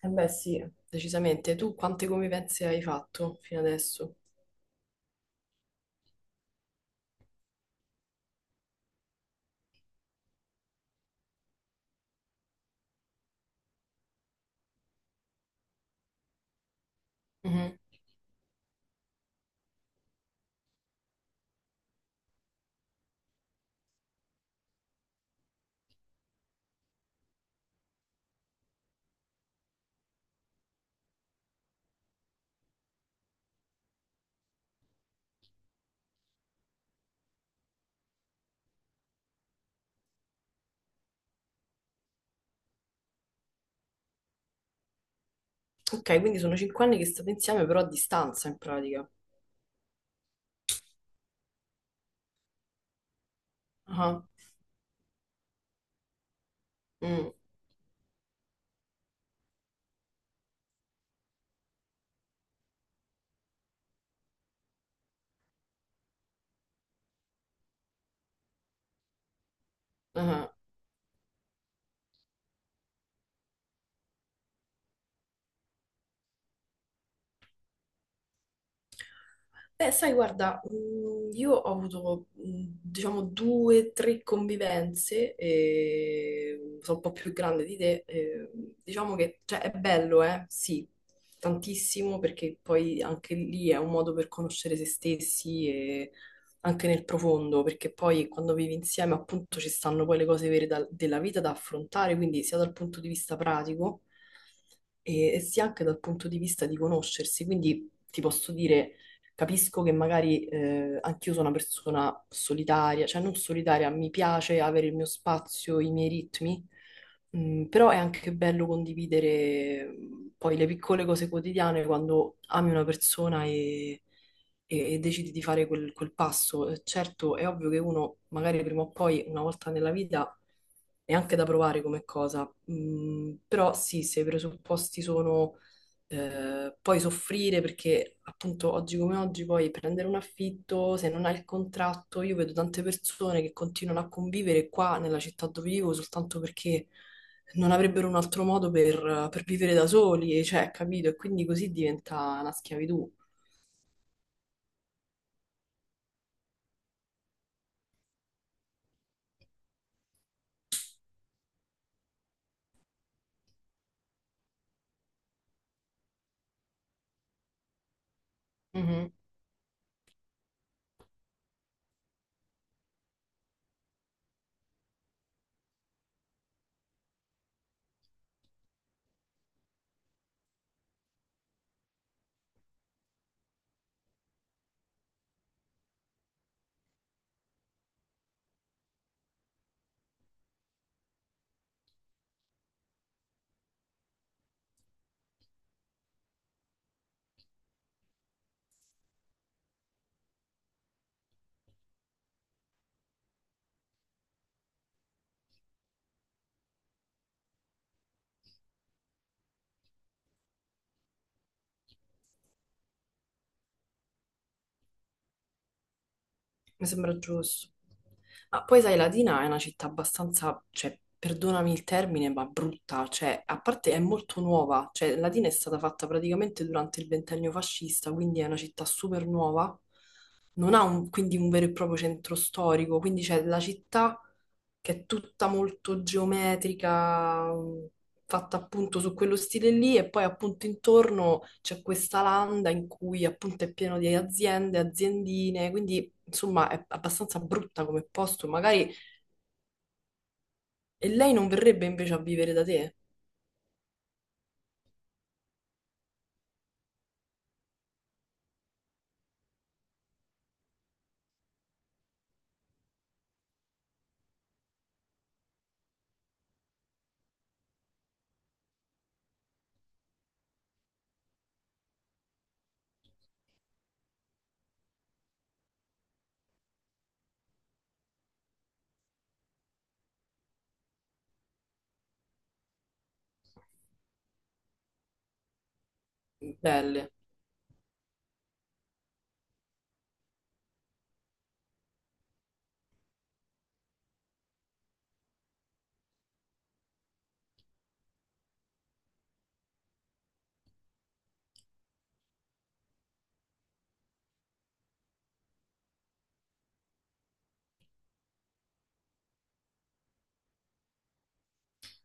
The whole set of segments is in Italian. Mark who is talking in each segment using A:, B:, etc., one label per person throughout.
A: Eh beh, sì, decisamente. Tu quante convivenze hai fatto fino adesso? Mhm. Ok, quindi sono cinque anni che state insieme, però a distanza in pratica. Ah, mm, ah. Beh, sai, guarda, io ho avuto, diciamo, due, o tre convivenze, e sono un po' più grande di te, e diciamo che, cioè, è bello, eh? Sì, tantissimo, perché poi anche lì è un modo per conoscere se stessi e anche nel profondo, perché poi quando vivi insieme, appunto, ci stanno poi le cose vere della vita da affrontare, quindi sia dal punto di vista pratico e sia anche dal punto di vista di conoscersi, quindi ti posso dire. Capisco che magari anch'io sono una persona solitaria, cioè non solitaria, mi piace avere il mio spazio, i miei ritmi, però è anche bello condividere poi le piccole cose quotidiane quando ami una persona e, e decidi di fare quel passo. Certo, è ovvio che uno magari prima o poi, una volta nella vita, è anche da provare come cosa, però sì, se i presupposti sono poi soffrire perché appunto oggi come oggi poi prendere un affitto, se non hai il contratto, io vedo tante persone che continuano a convivere qua nella città dove vivo soltanto perché non avrebbero un altro modo per vivere da soli, cioè, capito? E quindi così diventa una schiavitù. Mhm. Mi sembra giusto. Ma poi sai, Latina è una città abbastanza, cioè, perdonami il termine, ma brutta, cioè, a parte è molto nuova, cioè, Latina è stata fatta praticamente durante il ventennio fascista, quindi è una città super nuova, non ha quindi un vero e proprio centro storico, quindi c'è la città che è tutta molto geometrica, fatta appunto su quello stile lì, e poi appunto intorno c'è questa landa in cui appunto è pieno di aziende, aziendine, quindi insomma è abbastanza brutta come posto, magari e lei non verrebbe invece a vivere da te? Belle.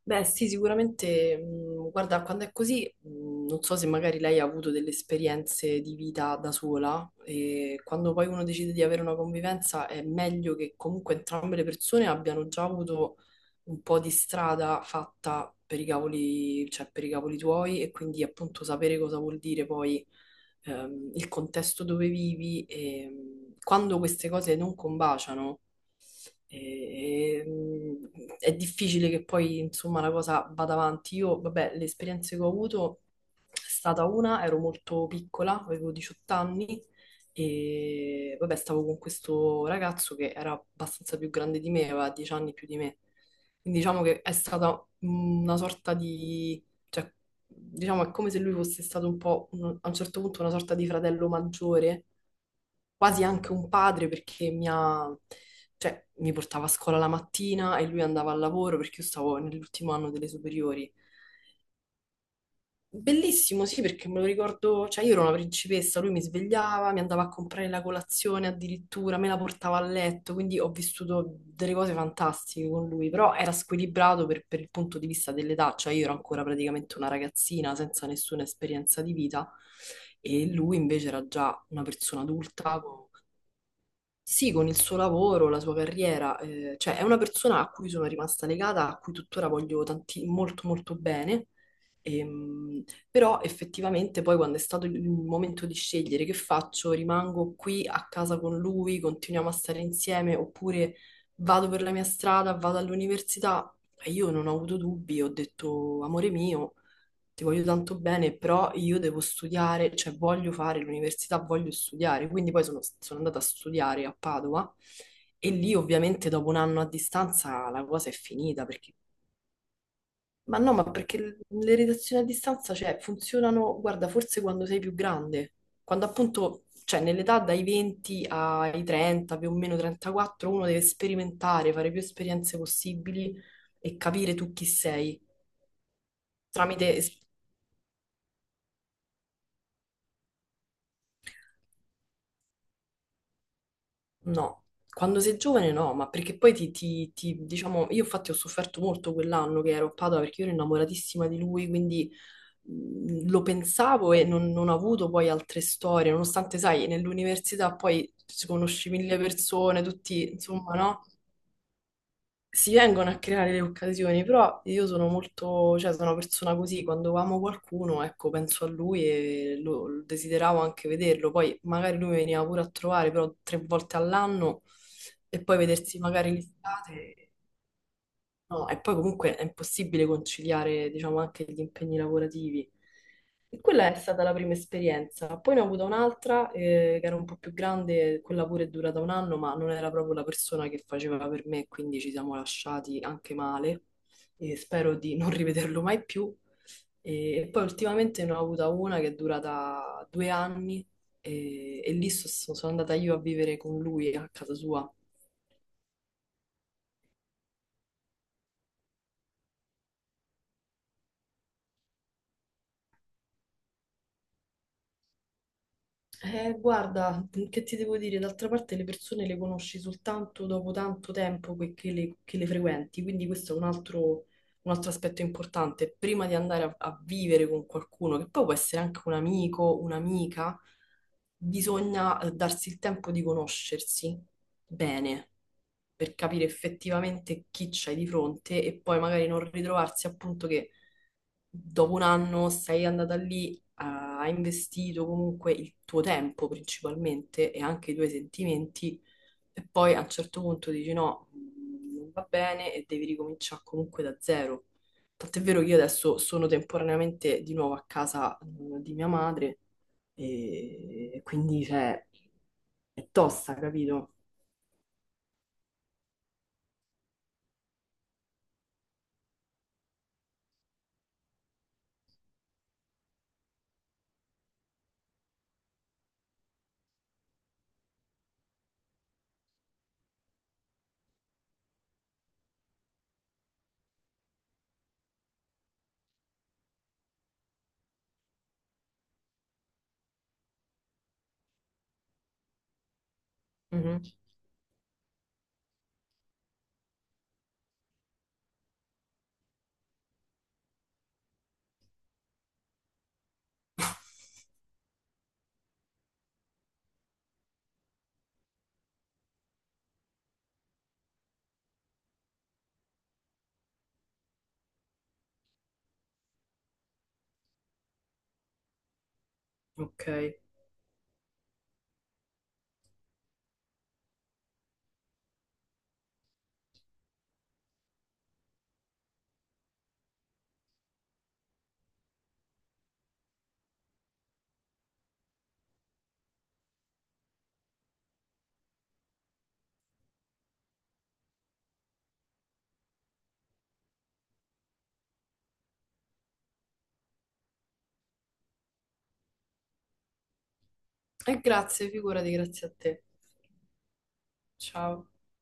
A: Beh, sì, sicuramente, guarda, quando è così, non so se magari lei ha avuto delle esperienze di vita da sola e quando poi uno decide di avere una convivenza è meglio che comunque entrambe le persone abbiano già avuto un po' di strada fatta per i cavoli, cioè per i cavoli tuoi e quindi appunto sapere cosa vuol dire poi il contesto dove vivi e quando queste cose non combaciano. È difficile che poi, insomma, la cosa vada avanti. Io, vabbè, le esperienze che ho avuto è stata una, ero molto piccola, avevo 18 anni e, vabbè, stavo con questo ragazzo che era abbastanza più grande di me, aveva 10 anni più di me. Quindi diciamo che è stata una sorta di... cioè, diciamo è come se lui fosse stato un po', a un certo punto, una sorta di fratello maggiore quasi anche un padre perché mi ha, cioè, mi portava a scuola la mattina e lui andava al lavoro perché io stavo nell'ultimo anno delle superiori. Bellissimo, sì, perché me lo ricordo, cioè io ero una principessa, lui mi svegliava, mi andava a comprare la colazione addirittura, me la portava a letto, quindi ho vissuto delle cose fantastiche con lui, però era squilibrato per il punto di vista dell'età, cioè io ero ancora praticamente una ragazzina senza nessuna esperienza di vita e lui invece era già una persona adulta con sì, con il suo lavoro, la sua carriera, cioè è una persona a cui sono rimasta legata, a cui tuttora voglio molto molto bene. Ehm, Però effettivamente poi quando è stato il momento di scegliere che faccio, rimango qui a casa con lui, continuiamo a stare insieme oppure vado per la mia strada, vado all'università, e io non ho avuto dubbi, ho detto amore mio ti voglio tanto bene, però io devo studiare, cioè voglio fare l'università, voglio studiare. Quindi poi sono andata a studiare a Padova e lì ovviamente dopo un anno a distanza la cosa è finita perché... Ma no, ma perché le redazioni a distanza, cioè, funzionano, guarda, forse quando sei più grande, quando appunto, cioè, nell'età dai 20 ai 30, più o meno 34, uno deve sperimentare, fare più esperienze possibili e capire tu chi sei tramite es- No, quando sei giovane no, ma perché poi diciamo, io infatti ho sofferto molto quell'anno che ero a Padova perché io ero innamoratissima di lui, quindi lo pensavo e non ho avuto poi altre storie, nonostante, sai, nell'università poi ci conosci mille persone, tutti, insomma, no? Si vengono a creare le occasioni, però io sono molto, cioè sono una persona così, quando amo qualcuno, ecco, penso a lui e lo desideravo anche vederlo, poi magari lui veniva pure a trovare, però tre volte all'anno e poi vedersi magari l'estate. No, e poi comunque è impossibile conciliare, diciamo, anche gli impegni lavorativi. E quella è stata la prima esperienza. Poi ne ho avuta un'altra, che era un po' più grande, quella pure è durata un anno, ma non era proprio la persona che faceva per me, quindi ci siamo lasciati anche male. E spero di non rivederlo mai più. E poi ultimamente ne ho avuta una che è durata due anni, e lì sono andata io a vivere con lui a casa sua. Guarda, che ti devo dire? D'altra parte le persone le conosci soltanto dopo tanto tempo che che le frequenti, quindi questo è un altro aspetto importante. Prima di andare a vivere con qualcuno, che poi può essere anche un amico, un'amica, bisogna darsi il tempo di conoscersi bene per capire effettivamente chi c'hai di fronte e poi magari non ritrovarsi appunto che dopo un anno sei andata lì, ha investito comunque il tuo tempo principalmente e anche i tuoi sentimenti e poi a un certo punto dici no, non va bene e devi ricominciare comunque da zero. Tant'è vero che io adesso sono temporaneamente di nuovo a casa di mia madre e quindi cioè, è tosta, capito? Mhm. Ok. E grazie, figurati, grazie a te. Ciao.